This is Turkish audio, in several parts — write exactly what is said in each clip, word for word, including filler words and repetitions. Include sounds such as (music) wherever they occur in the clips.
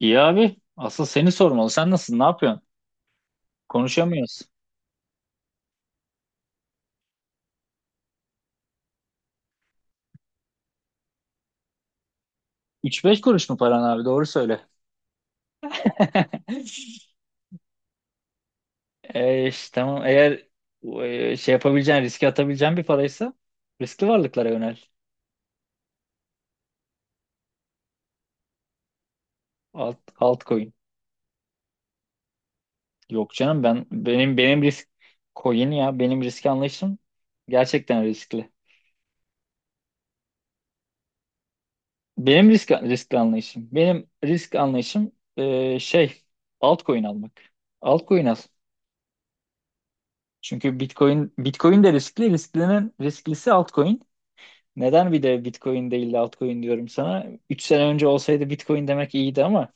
İyi abi. Asıl seni sormalı. Sen nasılsın? Ne yapıyorsun? Konuşamıyoruz. üç beş kuruş mu paran abi? Doğru söyle. (laughs) E, işte, tamam. Eğer e, şey yapabileceğin, riske atabileceğin bir paraysa riskli varlıklara yönel. Alt, altcoin. Yok canım, ben benim benim risk coin ya, benim risk anlayışım gerçekten riskli. Benim risk riskli anlayışım. Benim risk anlayışım e, şey altcoin almak. Altcoin al. Çünkü Bitcoin Bitcoin de riskli, risklinin risklisi altcoin. Neden bir de Bitcoin değil de altcoin diyorum sana? Üç sene önce olsaydı Bitcoin demek iyiydi ama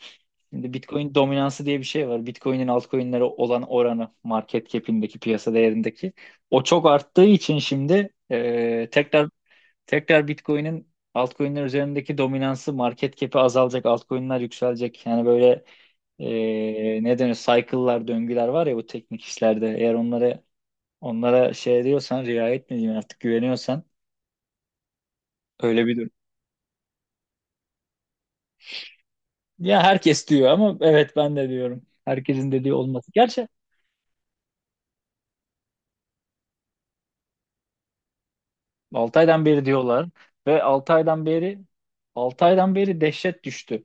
şimdi Bitcoin dominansı diye bir şey var. Bitcoin'in altcoin'lere olan oranı market cap'indeki, piyasa değerindeki o çok arttığı için şimdi e, tekrar tekrar Bitcoin'in altcoin'ler üzerindeki dominansı, market cap'i azalacak, altcoin'ler yükselecek. Yani böyle e, ne denir? Cycle'lar, döngüler var ya bu teknik işlerde. Eğer onları Onlara şey diyorsan, riayet mi diyeyim artık, güveniyorsan öyle bir durum. Ya herkes diyor ama evet ben de diyorum. Herkesin dediği olması. Gerçi altı aydan beri diyorlar ve altı aydan beri altı aydan beri dehşet düştü.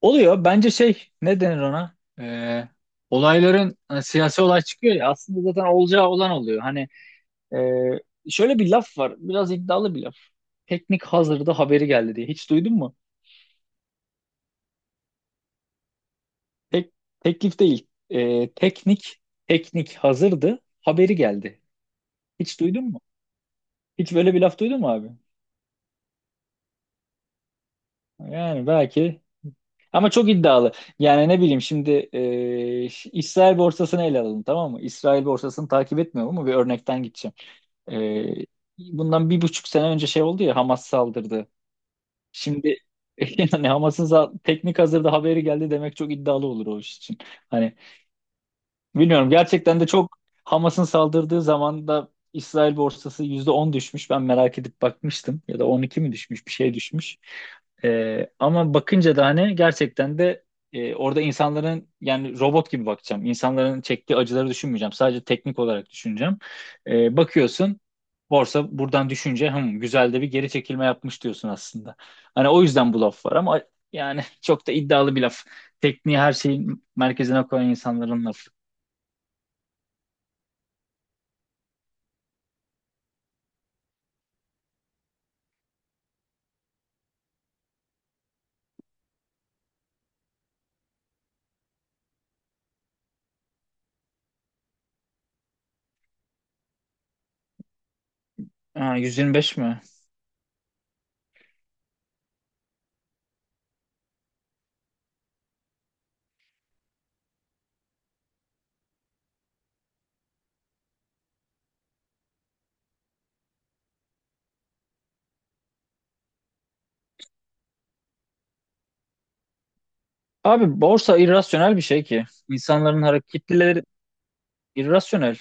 Oluyor. Bence şey, ne denir ona? Ee, olayların, hani siyasi olay çıkıyor ya, aslında zaten olacağı olan oluyor. Hani e, şöyle bir laf var. Biraz iddialı bir laf. Teknik hazırda haberi geldi diye. Hiç duydun mu? Tek, Teklif değil. Ee, teknik teknik hazırdı. Haberi geldi. Hiç duydun mu? Hiç böyle bir laf duydun mu abi? Yani belki ama çok iddialı. Yani ne bileyim şimdi ee, ş- İsrail borsasını ele alalım, tamam mı? İsrail borsasını takip etmiyorum ama bir örnekten gideceğim. Ee, Bundan bir buçuk sene önce şey oldu ya, Hamas saldırdı. Şimdi (laughs) yani Hamas'ın za- teknik hazırda haberi geldi demek çok iddialı olur o iş için. Hani bilmiyorum gerçekten de çok. Hamas'ın saldırdığı zaman da İsrail borsası yüzde on düşmüş. Ben merak edip bakmıştım. Ya da on iki mi düşmüş, bir şey düşmüş. Ee, ama bakınca da hani gerçekten de e, orada insanların, yani robot gibi bakacağım. İnsanların çektiği acıları düşünmeyeceğim. Sadece teknik olarak düşüneceğim. Ee, bakıyorsun, borsa buradan düşünce hım, güzel de bir geri çekilme yapmış diyorsun aslında. Hani o yüzden bu laf var ama yani (laughs) çok da iddialı bir laf. Tekniği her şeyin merkezine koyan insanların lafı. Ha, yüz yirmi beş mi? Abi, borsa irrasyonel bir şey ki. İnsanların hareketleri irrasyonel.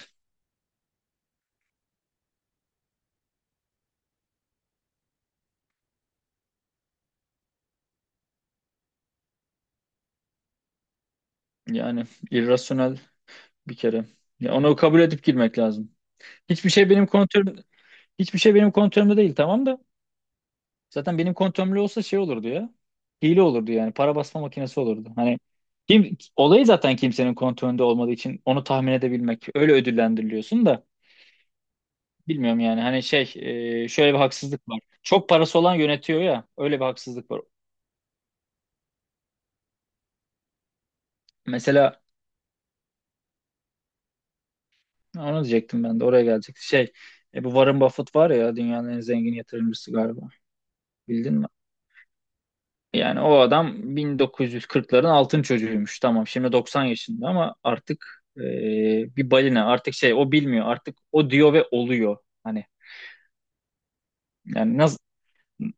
Yani irrasyonel bir kere. Ya onu kabul edip girmek lazım. Hiçbir şey benim kontrolüm Hiçbir şey benim kontrolümde değil, tamam da. Zaten benim kontrolümde olsa şey olurdu ya. Hile olurdu yani. Para basma makinesi olurdu. Hani kim olayı, zaten kimsenin kontrolünde olmadığı için onu tahmin edebilmek. Öyle ödüllendiriliyorsun da bilmiyorum yani. Hani şey e, şöyle bir haksızlık var. Çok parası olan yönetiyor ya. Öyle bir haksızlık var. Mesela onu diyecektim, ben de oraya gelecekti. Şey e, bu Warren Buffett var ya, dünyanın en zengin yatırımcısı galiba. Bildin mi? Yani o adam bin dokuz yüz kırklıların altın çocuğuymuş. Tamam, şimdi doksan yaşında ama artık e, bir balina artık, şey, o bilmiyor artık, o diyor ve oluyor. Hani yani nasıl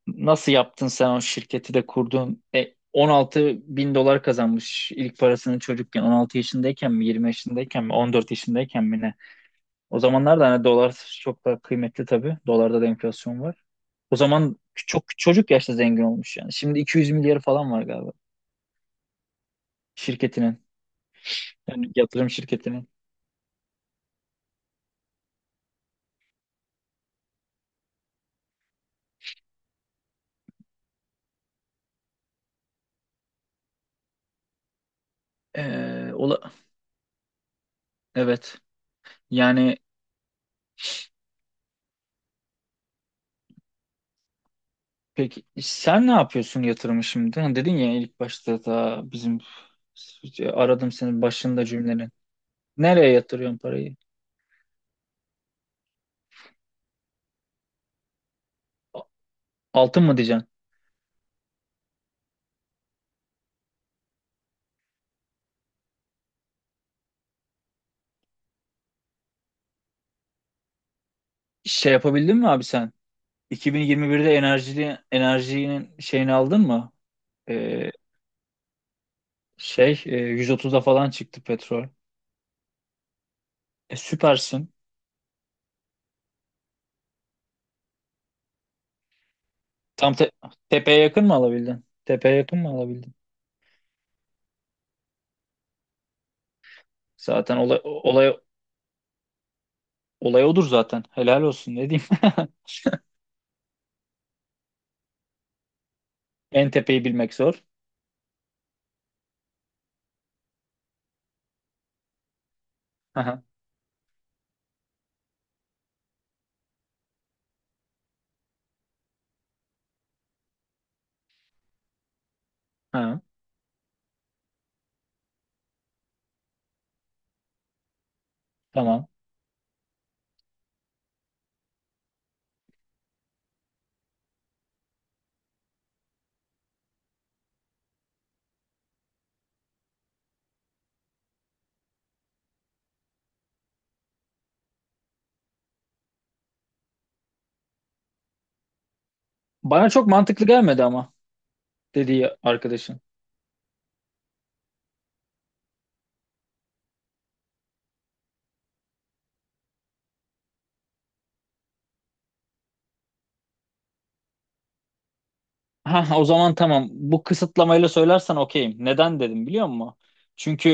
nasıl yaptın sen, o şirketi de kurdun? E, 16 bin dolar kazanmış ilk parasını çocukken, on altı yaşındayken mi, yirmi yaşındayken mi, on dört yaşındayken mi, ne? O zamanlar da hani dolar çok daha kıymetli tabii. Dolarda da enflasyon var. O zaman çok çocuk yaşta zengin olmuş yani. Şimdi iki yüz milyarı falan var galiba şirketinin. Yani yatırım şirketinin. Ee, ola Evet. Yani peki sen ne yapıyorsun yatırımı şimdi? Hani dedin ya ilk başta da bizim, aradım senin başında cümlenin. Nereye yatırıyorsun parayı? Altın mı diyeceksin? Şey yapabildin mi abi sen? iki bin yirmi birde enerjili enerjinin şeyini aldın mı? Ee, Şey e, yüz otuza falan çıktı petrol. E, süpersin. Tam te- tepeye yakın mı alabildin? Tepeye yakın mı alabildin? Zaten olay, olay, olay odur zaten. Helal olsun, ne diyeyim. (laughs) En tepeyi bilmek zor. Aha, ha, tamam. Bana çok mantıklı gelmedi ama dediği arkadaşın. Ha, o zaman tamam. Bu kısıtlamayla söylersen okeyim. Neden dedim biliyor musun? Çünkü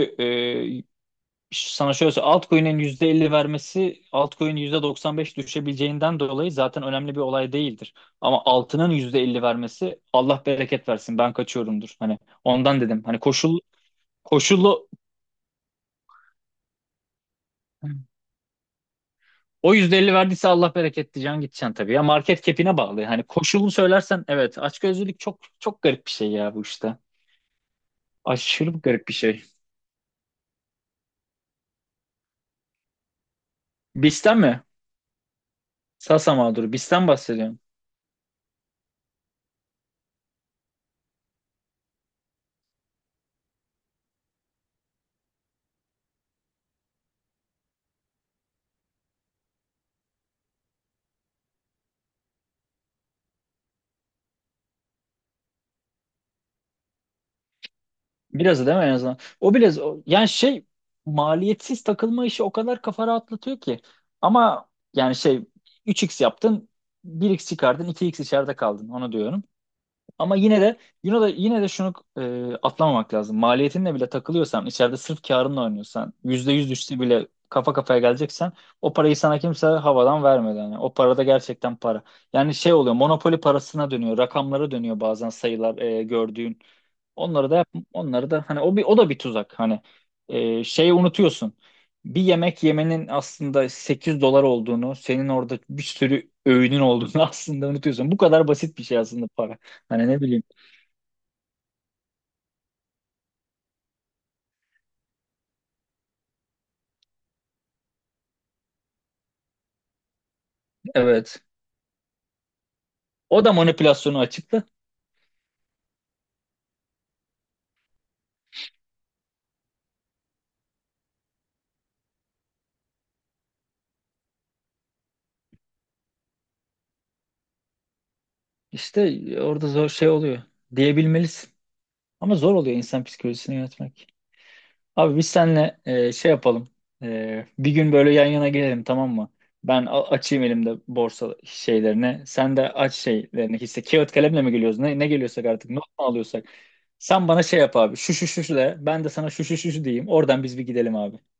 e, sana şöyle söyleyeyim. Altcoin'in yüzde elli vermesi, altcoin'in yüzde doksan beş düşebileceğinden dolayı zaten önemli bir olay değildir. Ama altının yüzde elli vermesi, Allah bereket versin, ben kaçıyorumdur. Hani ondan dedim. Hani koşul koşullu o yüzde elli verdiyse, Allah bereket diyeceksin, gideceksin tabii. Ya market cap'ine bağlı. Hani koşulunu söylersen, evet, açgözlülük çok çok garip bir şey ya bu işte. Aşırı garip bir şey. Bisten mi? Sasa mağduru. Bisten bahsediyorum. Birazı değil mi en azından? O biraz o- yani şey, maliyetsiz takılma işi o kadar kafa rahatlatıyor ki. Ama yani şey, üç x yaptın, bir x çıkardın, iki x içeride kaldın, onu diyorum. Ama yine de yine de yine de şunu e, atlamamak lazım. Maliyetinle bile takılıyorsan içeride, sırf karınla oynuyorsan, yüzde yüz düşse bile kafa kafaya geleceksen, o parayı sana kimse havadan vermedi. Yani o parada gerçekten para. Yani şey oluyor, monopoli parasına dönüyor, rakamlara dönüyor bazen sayılar, e, gördüğün. Onları da yap, onları da, hani o bir, o da bir tuzak. Hani e, şeyi unutuyorsun. Bir yemek yemenin aslında sekiz dolar olduğunu, senin orada bir sürü öğünün olduğunu (laughs) aslında unutuyorsun. Bu kadar basit bir şey aslında para. Hani ne bileyim. Evet. O da manipülasyonu açıklı. İşte orada zor şey oluyor, diyebilmelisin. Ama zor oluyor insan psikolojisini yönetmek. Abi, biz seninle e, şey yapalım. E, bir gün böyle yan yana gelelim, tamam mı? Ben a- açayım elimde borsa şeylerini. Sen de aç şeylerini. Hisse, kağıt kalemle mi geliyoruz? Ne, ne geliyorsak artık. Not mu alıyorsak. Sen bana şey yap abi. Şu şu şu şu de. Ben de sana şu şu şu şu diyeyim. Oradan biz bir gidelim abi.